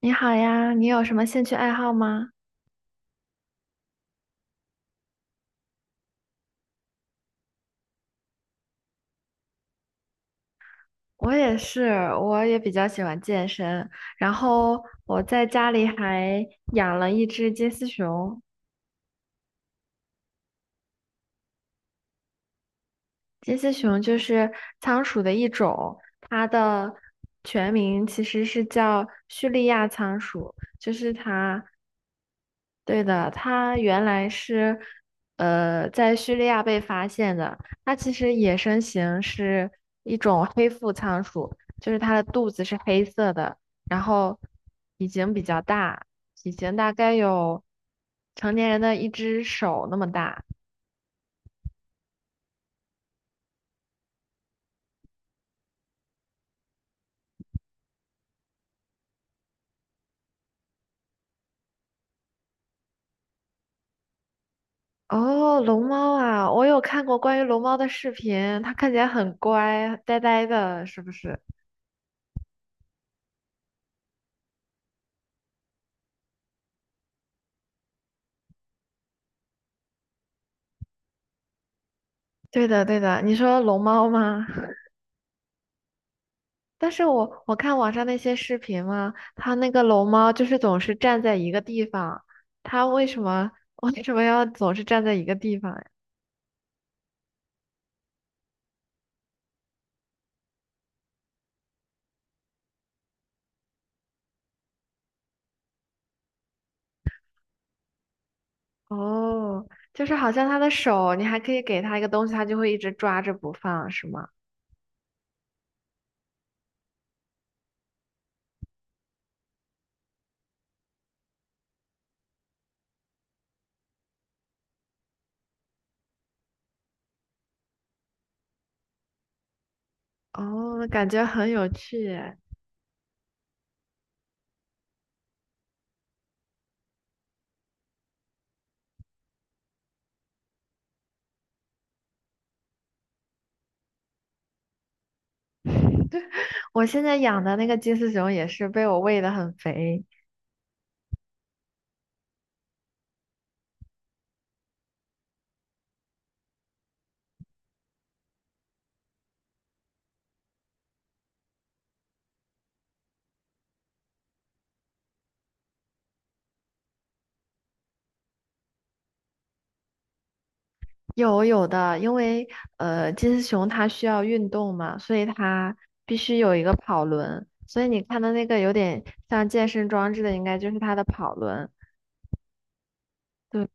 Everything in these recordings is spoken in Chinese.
你好呀，你有什么兴趣爱好吗？我也是，我也比较喜欢健身，然后我在家里还养了一只金丝熊。金丝熊就是仓鼠的一种，它的全名其实是叫叙利亚仓鼠，就是它对的，它原来是在叙利亚被发现的。它其实野生型是一种黑腹仓鼠，就是它的肚子是黑色的，然后体型比较大，体型大概有成年人的一只手那么大。哦，龙猫啊，我有看过关于龙猫的视频，它看起来很乖，呆呆的，是不是？对的，对的，你说龙猫吗？但是我看网上那些视频嘛，它那个龙猫就是总是站在一个地方，它为什么 为什么要总是站在一个地方呀？哦，就是好像它的手，你还可以给它一个东西，它就会一直抓着不放，是吗？哦，感觉很有趣耶。我现在养的那个金丝熊也是被我喂得很肥。有的，因为金丝熊它需要运动嘛，所以它必须有一个跑轮。所以你看的那个有点像健身装置的，应该就是它的跑轮。对，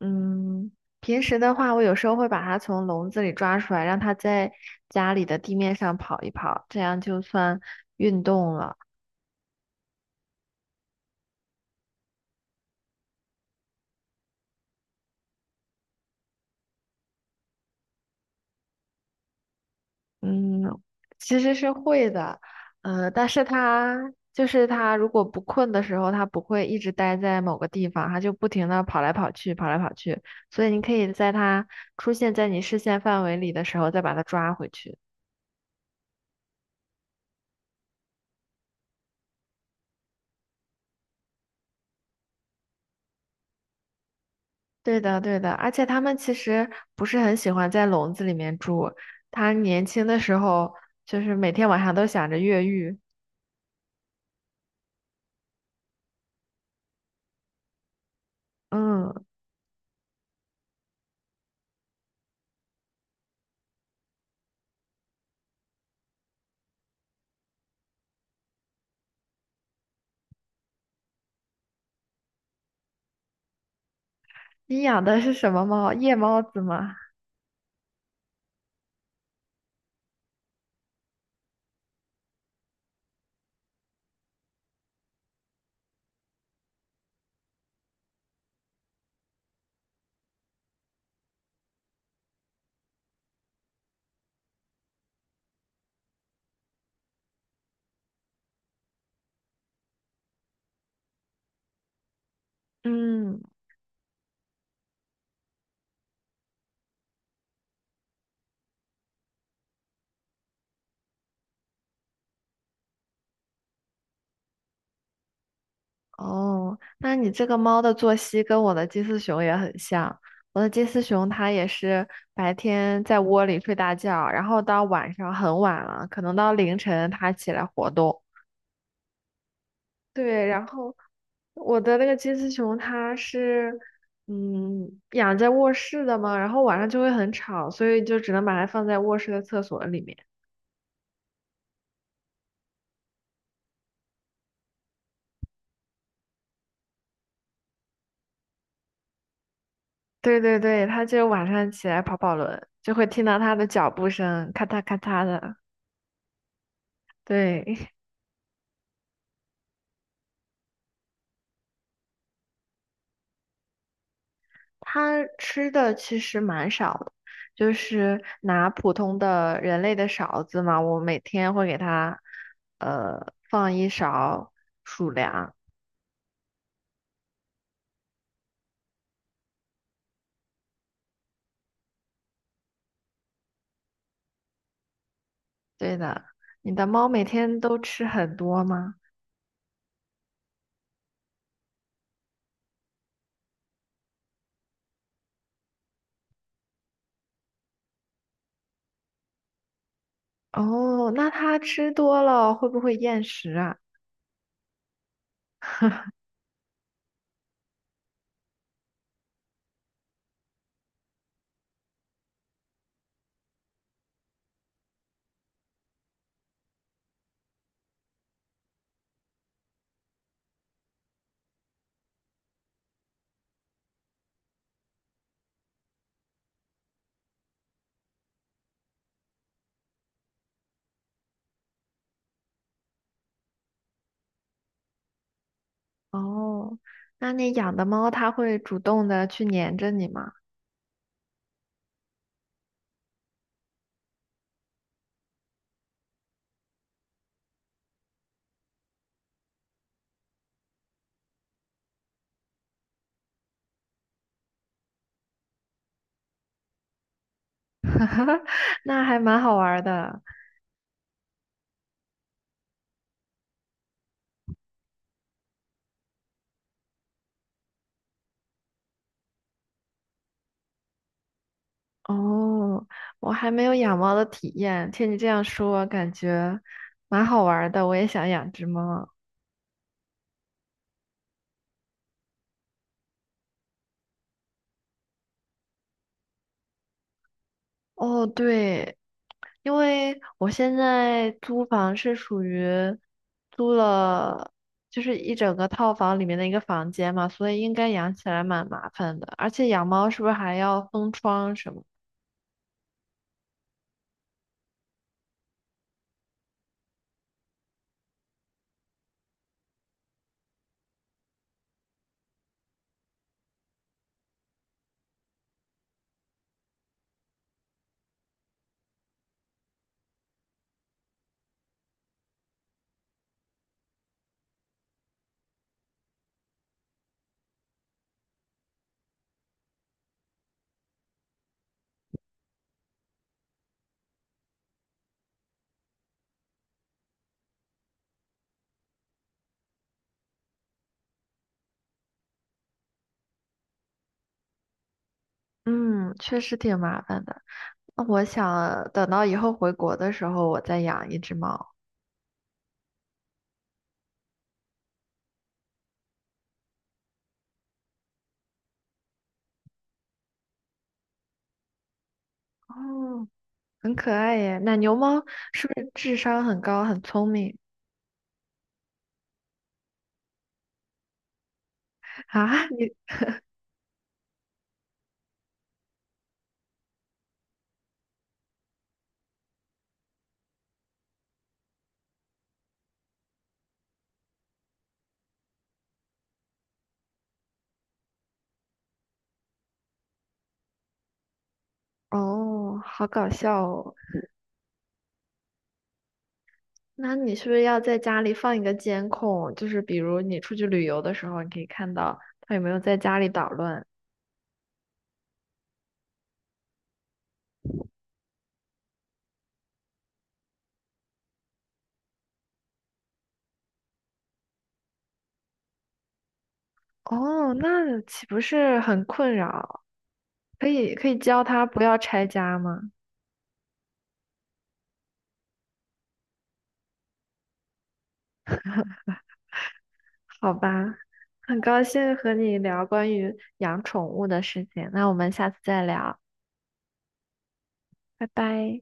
嗯，平时的话，我有时候会把它从笼子里抓出来，让它在家里的地面上跑一跑，这样就算运动了。嗯，其实是会的，但是它，如果不困的时候，它不会一直待在某个地方，它就不停的跑来跑去，跑来跑去，所以你可以在它出现在你视线范围里的时候，再把它抓回去。对的，对的，而且它们其实不是很喜欢在笼子里面住，它年轻的时候就是每天晚上都想着越狱。嗯，你养的是什么猫？夜猫子吗？嗯。哦，那你这个猫的作息跟我的金丝熊也很像。我的金丝熊它也是白天在窝里睡大觉，然后到晚上很晚了，可能到凌晨它起来活动。对，然后我的那个金丝熊它是，嗯，养在卧室的嘛，然后晚上就会很吵，所以就只能把它放在卧室的厕所里面。对对对，它就晚上起来跑跑轮，就会听到它的脚步声，咔嚓咔嚓的。对。它吃的其实蛮少的，就是拿普通的人类的勺子嘛，我每天会给它放一勺鼠粮。对的，你的猫每天都吃很多吗？哦，那它吃多了会不会厌食啊？哦，那你养的猫它会主动的去粘着你吗？那还蛮好玩儿的。哦，我还没有养猫的体验，听你这样说，感觉蛮好玩儿的，我也想养只猫。哦，对，因为我现在租房是属于租了，就是一整个套房里面的一个房间嘛，所以应该养起来蛮麻烦的。而且养猫是不是还要封窗什么？嗯，确实挺麻烦的。那我想等到以后回国的时候，我再养一只猫。哦，很可爱耶。奶牛猫是不是智商很高，很聪明 啊？你哦，好搞笑哦。那你是不是要在家里放一个监控？就是比如你出去旅游的时候，你可以看到它有没有在家里捣乱。哦，那岂不是很困扰？可以教它不要拆家吗？好吧，很高兴和你聊关于养宠物的事情。那我们下次再聊，拜拜。